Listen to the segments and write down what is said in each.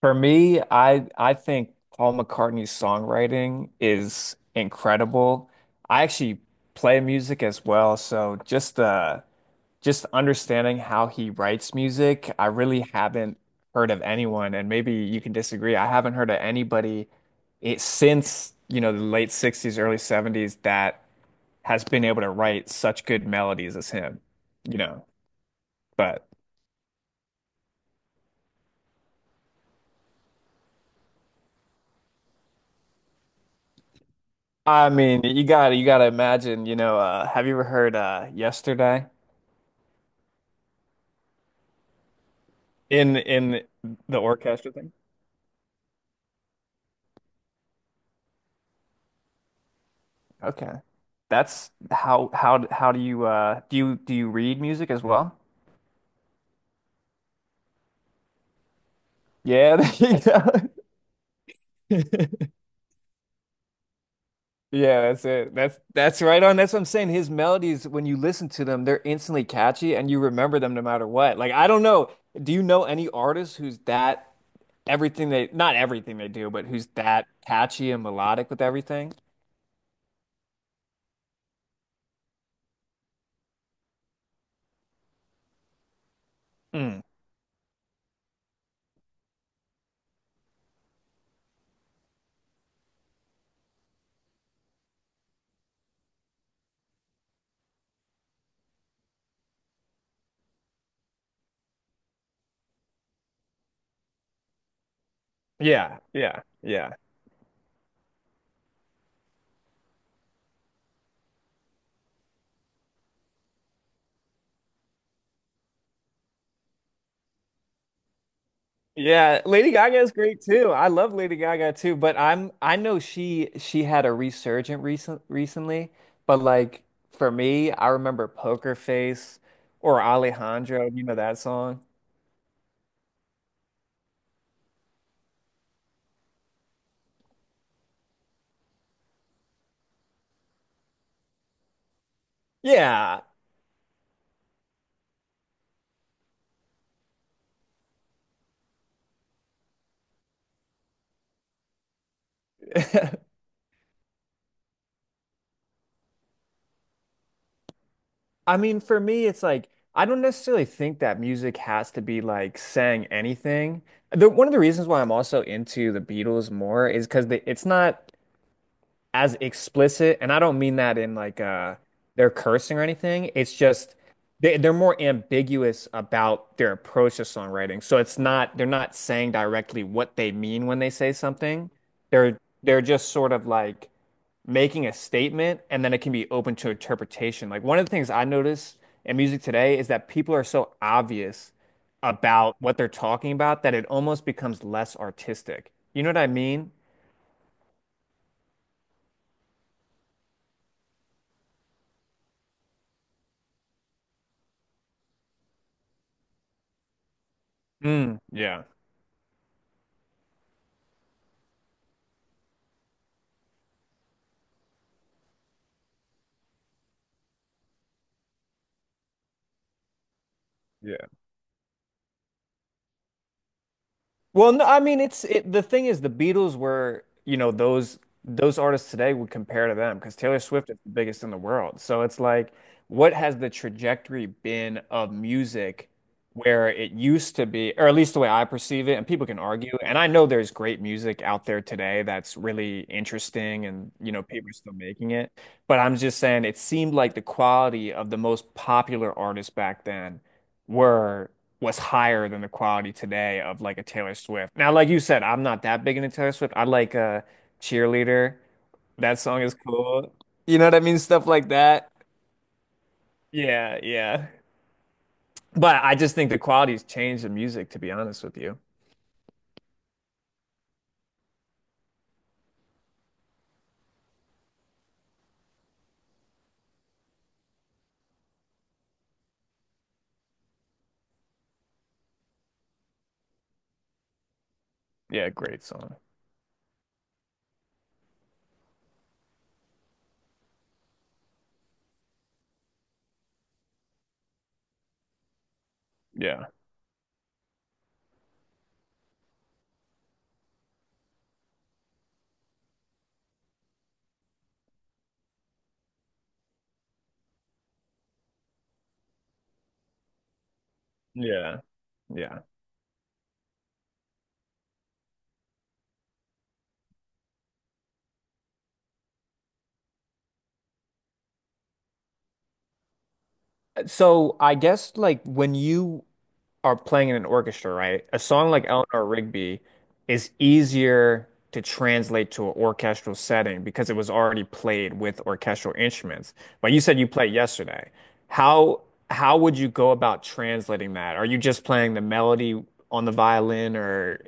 For me, I think Paul McCartney's songwriting is incredible. I actually play music as well, so just just understanding how he writes music, I really haven't heard of anyone, and maybe you can disagree. I haven't heard of anybody it since, the late 60s, early 70s that has been able to write such good melodies as him, you know. But I mean, you gotta imagine, have you ever heard Yesterday? In the orchestra thing. Okay. That's how do you do you read music as well? Yeah, there you go. Yeah, that's it. That's right on. That's what I'm saying. His melodies, when you listen to them, they're instantly catchy and you remember them no matter what. Like I don't know. Do you know any artist who's that everything they not everything they do, but who's that catchy and melodic with everything? Mm. Yeah, yeah, yeah. Yeah, Lady Gaga is great too. I love Lady Gaga too, but I know she had a resurgent recent recently, but like for me, I remember Poker Face or Alejandro, you know that song? Yeah. I mean, for me it's like I don't necessarily think that music has to be like saying anything. The, one of the reasons why I'm also into the Beatles more is because it's not as explicit, and I don't mean that in like they're cursing or anything. It's just they're more ambiguous about their approach to songwriting. So it's not they're not saying directly what they mean when they say something. They're just sort of like making a statement and then it can be open to interpretation. Like one of the things I notice in music today is that people are so obvious about what they're talking about that it almost becomes less artistic. You know what I mean? Mm, yeah. Well, no, I mean the thing is the Beatles were, you know, those artists today would compare to them because Taylor Swift is the biggest in the world. So it's like, what has the trajectory been of music where it used to be, or at least the way I perceive it, and people can argue, and I know there's great music out there today that's really interesting and, you know, people are still making it, but I'm just saying it seemed like the quality of the most popular artists back then were was higher than the quality today of like a Taylor Swift. Now, like you said, I'm not that big into Taylor Swift. I like Cheerleader. That song is cool. You know what I mean? Stuff like that. Yeah, yeah. But I just think the quality's changed in music, to be honest with you. Yeah, great song. Yeah. Yeah. Yeah. So I guess like when you are playing in an orchestra, right? A song like Eleanor Rigby is easier to translate to an orchestral setting because it was already played with orchestral instruments. But you said you played yesterday. How how would you go about translating that? Are you just playing the melody on the violin or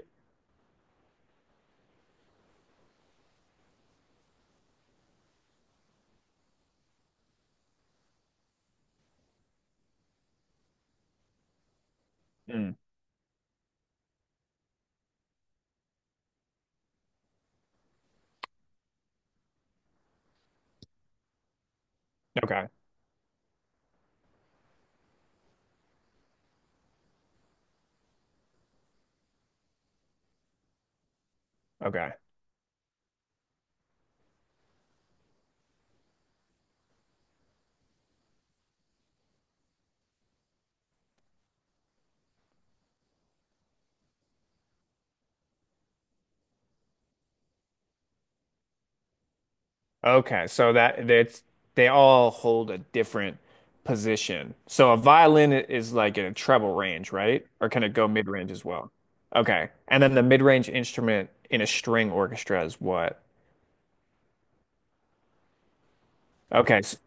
Mm. okay, okay. Okay, so that's they all hold a different position. So a violin is like in a treble range, right? Or can it go mid-range as well? Okay. And then the mid-range instrument in a string orchestra is what? Okay.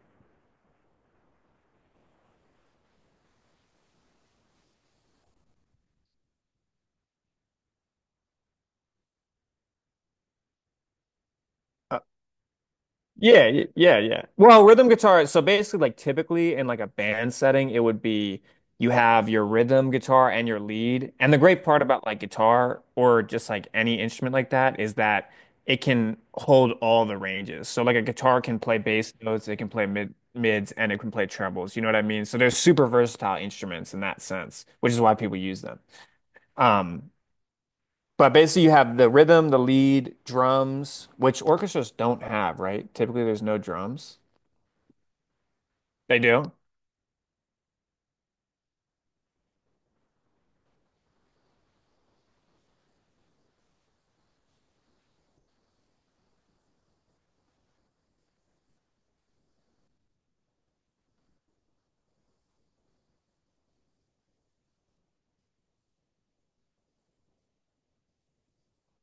Yeah, yeah, yeah. Well, rhythm guitar, so basically like typically in like a band setting, it would be you have your rhythm guitar and your lead. And the great part about like guitar or just like any instrument like that is that it can hold all the ranges. So like a guitar can play bass notes, it can play mid mids, and it can play trebles. You know what I mean? So they're super versatile instruments in that sense, which is why people use them. Um, but basically, you have the rhythm, the lead, drums, which orchestras don't have, right? Typically, there's no drums. They do?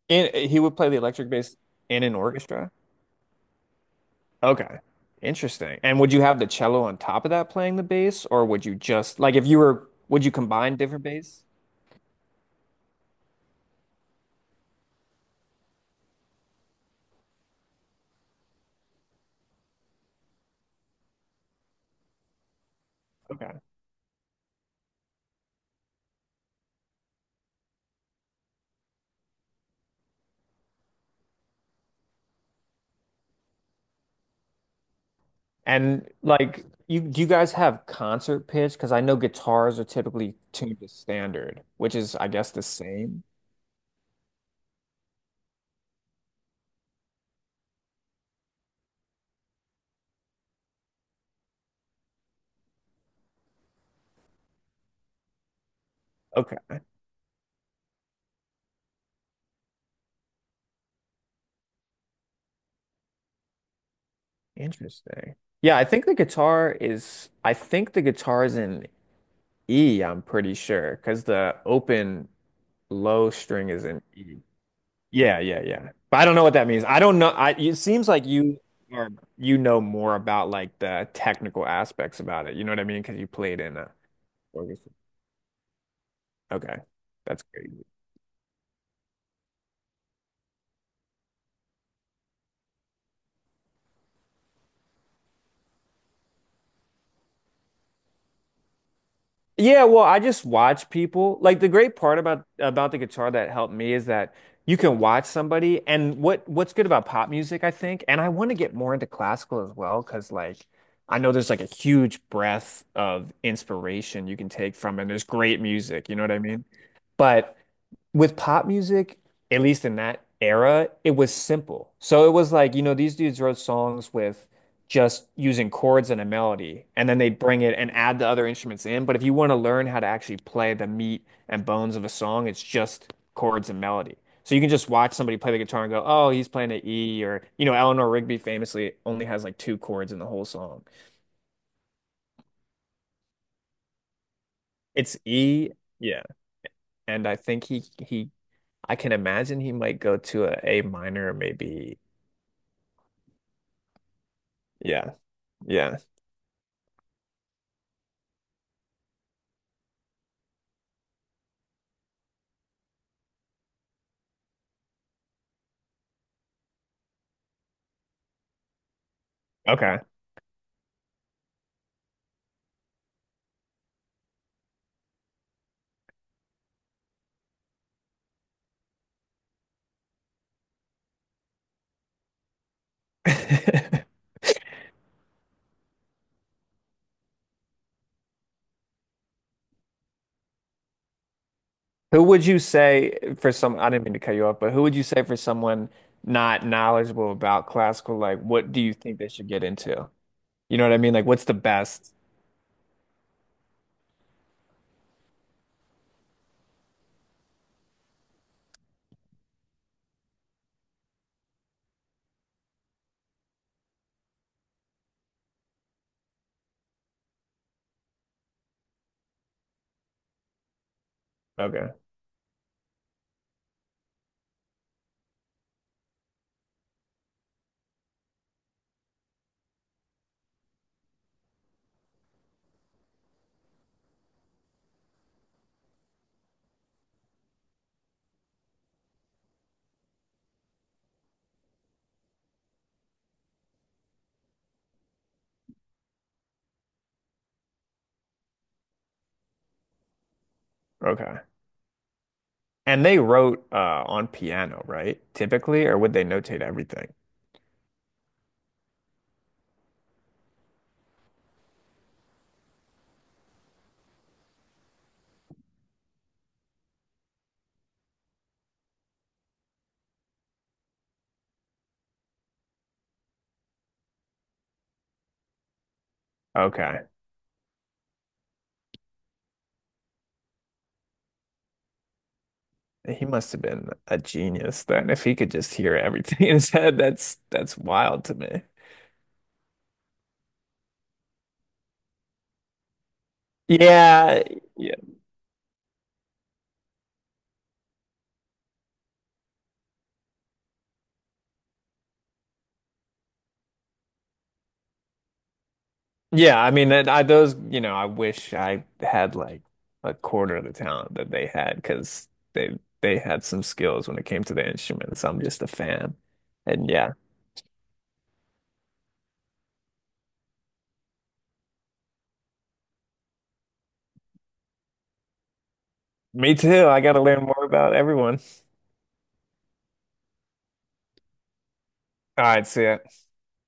And he would play the electric bass in an orchestra? Okay. Interesting. And would you have the cello on top of that playing the bass, or would you just like if you were would you combine different bass? Okay. And like you do you guys have concert pitch? Because I know guitars are typically tuned to standard, which is I guess the same. Okay. Interesting. Yeah, I think the guitar is in E, I'm pretty sure, because the open low string is in E. Yeah, yeah, yeah. But I don't know what that means. I don't know. I it seems like you are you know more about like the technical aspects about it. You know what I mean? Because you played in a orchestra. Okay. That's crazy. Yeah, well, I just watch people. Like the great part about the guitar that helped me is that you can watch somebody and what's good about pop music, I think, and I want to get more into classical as well, because like I know there's like a huge breadth of inspiration you can take from and there's great music, you know what I mean? But with pop music, at least in that era, it was simple. So it was like, you know, these dudes wrote songs with just using chords and a melody, and then they'd bring it and add the other instruments in. But if you want to learn how to actually play the meat and bones of a song, it's just chords and melody. So you can just watch somebody play the guitar and go, oh, he's playing an E, or, you know, Eleanor Rigby famously only has like two chords in the whole song. It's E, yeah. And I think I can imagine he might go to a A minor, maybe. Yeah. Yeah. Okay. Who would you say for some, I didn't mean to cut you off, but who would you say for someone not knowledgeable about classical, like what do you think they should get into? You know what I mean? Like what's the best? Okay. Okay. And they wrote on piano, right? Typically, or would they notate everything? Okay. He must have been a genius then if he could just hear everything in his head. That's wild to me. Yeah. Yeah, I mean, that I those, you know, I wish I had like a quarter of the talent that they had because they had some skills when it came to the instruments. I'm just a fan. And yeah, me too. I got to learn more about everyone. All right, see ya.